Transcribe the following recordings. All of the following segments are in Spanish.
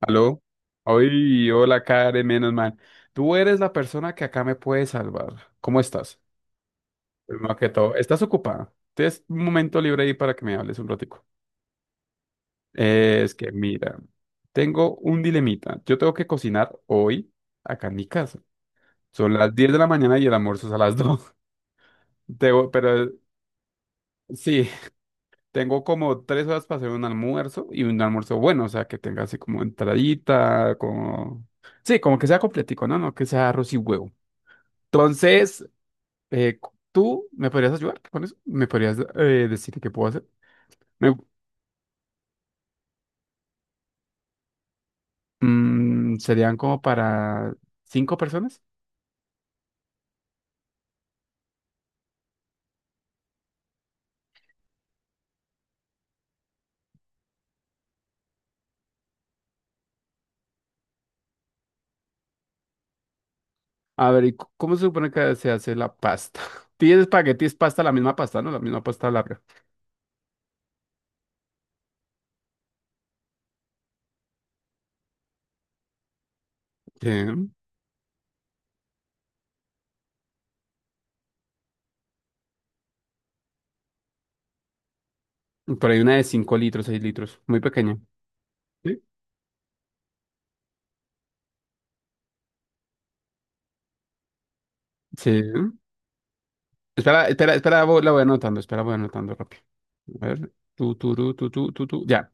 Aló, hoy, hola Karen, menos mal. Tú eres la persona que acá me puede salvar. ¿Cómo estás? Primero que todo, ¿estás ocupada? Tienes un momento libre ahí para que me hables un ratico. Es que mira, tengo un dilemita. Yo tengo que cocinar hoy acá en mi casa. Son las 10 de la mañana y el almuerzo es a las 2. Pero sí, tengo como 3 horas para hacer un almuerzo y un almuerzo bueno, o sea, que tenga así como entradita, como... Sí, como que sea completico, ¿no? No que sea arroz y huevo. Entonces, eh, ¿tú me podrías ayudar con eso? ¿Me podrías decir qué puedo hacer? Me- serían como para 5 personas. A ver, ¿y cómo se supone que se hace la pasta? Tienes espagueti, es pasta, la misma pasta, ¿no? La misma pasta larga. Sí. Por ahí una de 5 litros, 6 litros, muy pequeña. Sí. Sí. Espera, espera, espera, la voy anotando, espera, voy anotando rápido. A ver, tú, ya.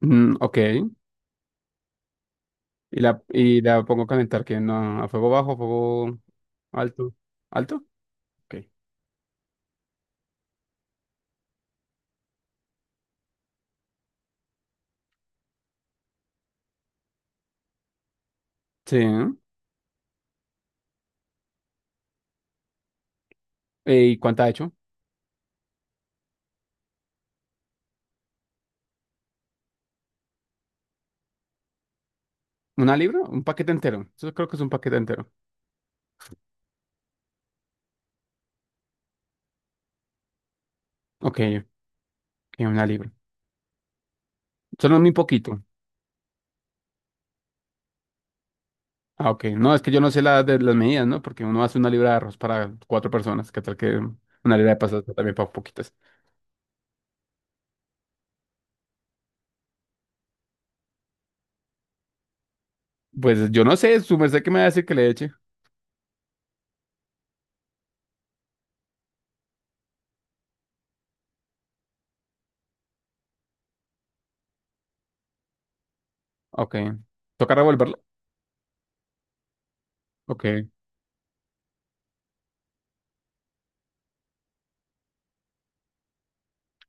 Mm, ok. Y la pongo a calentar, que no, a fuego bajo, a fuego alto. ¿Alto? Ok. Sí. ¿No? ¿Y cuánta ha hecho? ¿Una libra? Un paquete entero. Eso creo que es un paquete entero. Ok, ok, una libra. Solo muy poquito. Ah, ok. No, es que yo no sé las medidas, ¿no? Porque uno hace una libra de arroz para 4 personas. ¿Qué tal que una libra de pastas también para poquitas? Pues yo no sé, su merced que me va a decir que le eche. Ok. ¿Toca revolverlo? Ok.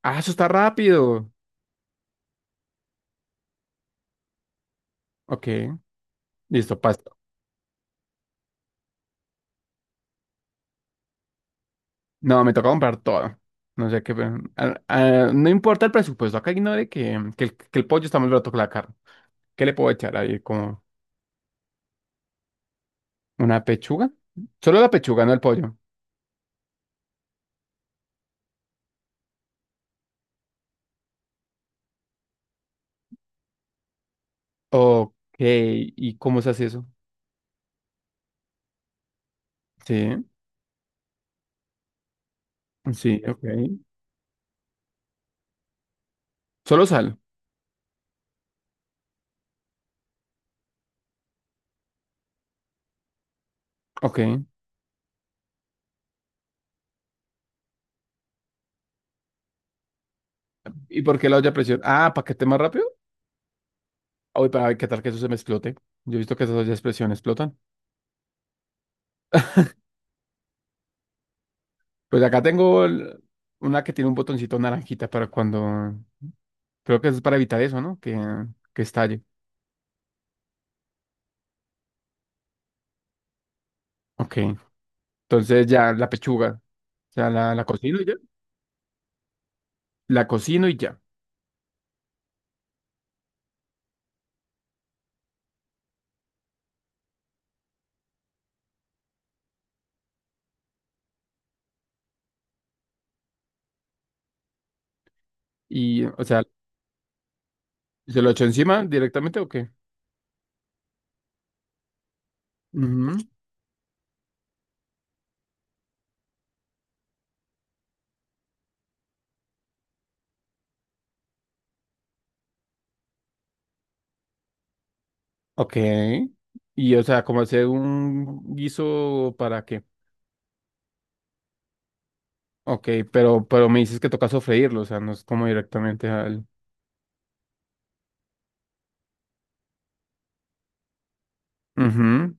Ah, eso está rápido. Ok. Listo, pasta. No, me toca comprar todo. No sé qué, pero, ah, ah, no importa el presupuesto. Acá ignore que el pollo está más barato que la carne. ¿Qué le puedo echar ahí? ¿Como una pechuga? Solo la pechuga, no el pollo. Ok. ¿Y cómo se hace eso? Sí, sí, ok. Solo sal. Ok. ¿Y por qué la olla a presión? Ah, ¿para que esté más rápido? Uy, para ver qué tal que eso se me explote. Yo he visto que esas ollas a presión explotan. Pues acá tengo una que tiene un botoncito naranjita para cuando... Creo que es para evitar eso, ¿no? Que estalle. Ok. Entonces ya la pechuga. O sea, la cocino y ya. La cocino y ya. Y, o sea, ¿se lo echo encima directamente o qué? Ujú. Ok. Y, o sea, como hacer un guiso para qué. Ok, pero me dices que toca sofreírlo, o sea, no es como directamente al... Ujú.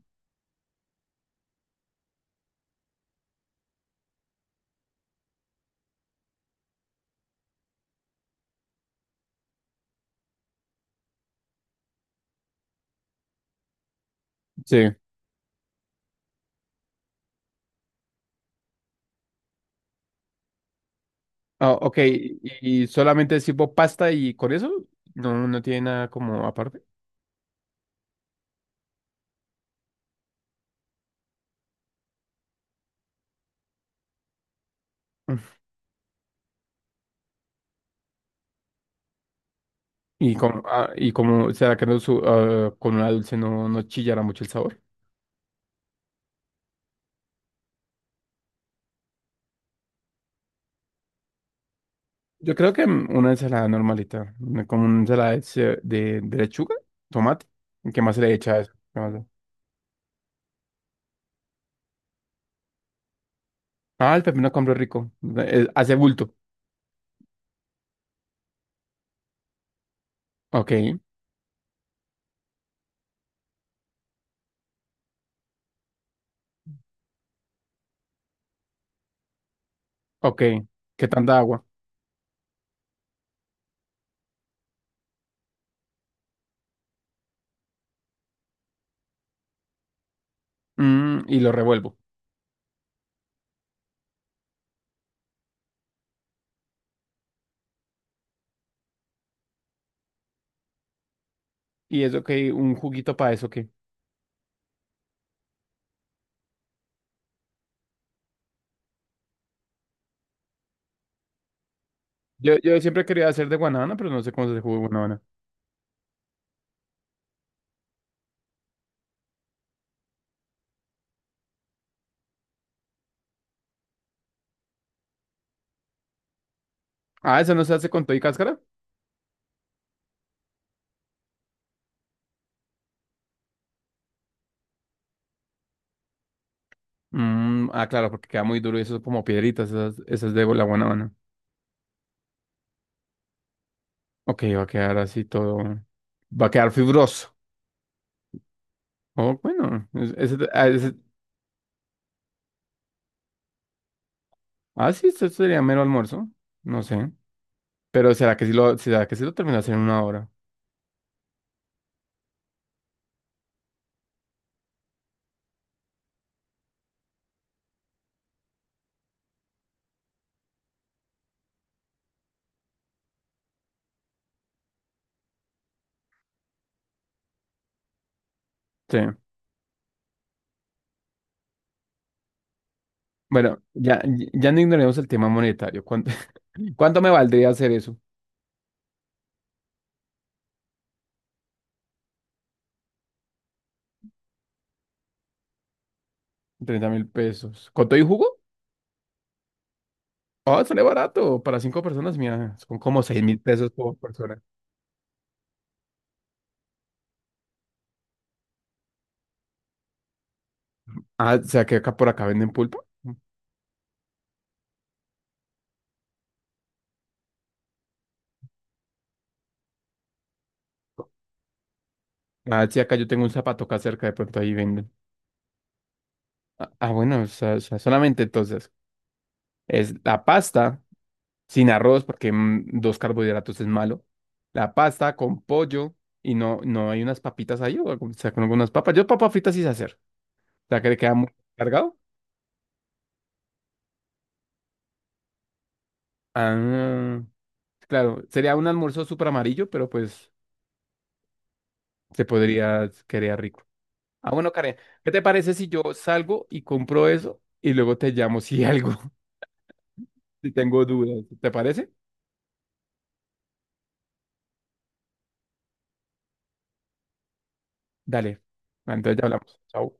Sí. Ah, ok, y solamente es tipo pasta y con eso no, no tiene nada como aparte. Mm. Y como, ah, y como será que no ah, con una dulce no, no chillará mucho el sabor. Yo creo que mm, una ensalada normalita, como una ensalada de lechuga, tomate. ¿Qué más se le echa a eso? ¿Qué más ah, el pepino compro rico. Hace bulto. Ok, ok. ¿Qué tanta agua? Mm, y lo revuelvo. ¿Y eso qué? ¿Un juguito para eso qué? Yo siempre quería hacer de guanábana, pero no sé cómo se hace jugo de guanábana. Ah, ¿eso no se hace con todo y cáscara? Mm, ah, claro, porque queda muy duro y eso es como piedritas, esas, esas de la buena mano. Ok, va a quedar así todo. Va a quedar fibroso. Oh, bueno, sí, esto sería mero almuerzo. No sé. Pero será que sí lo terminas en una hora. Sí. Bueno, ya, ya no ignoremos el tema monetario. ¿Cuánto, cuánto me valdría hacer eso? 30.000 pesos. ¿Con todo y jugo? Oh, sale barato. Para cinco personas, mira, son como 6.000 pesos por persona. Ah, o sea que acá por acá venden pulpa. Ah, sí, acá yo tengo un zapato acá cerca, de pronto ahí venden. Ah, ah, bueno, o sea, solamente entonces es la pasta sin arroz, porque mm, dos carbohidratos es malo. La pasta con pollo y no, no hay unas papitas ahí, o, algo, o sea, con algunas papas. Yo papas fritas sí sé hacer. O sea, que le queda muy cargado. Ah, claro, sería un almuerzo súper amarillo, pero pues se podría, quedar rico. Ah, bueno, Karen, ¿qué te parece si yo salgo y compro eso y luego te llamo si algo? Si tengo dudas. ¿Te parece? Dale. Entonces ya hablamos. Chao.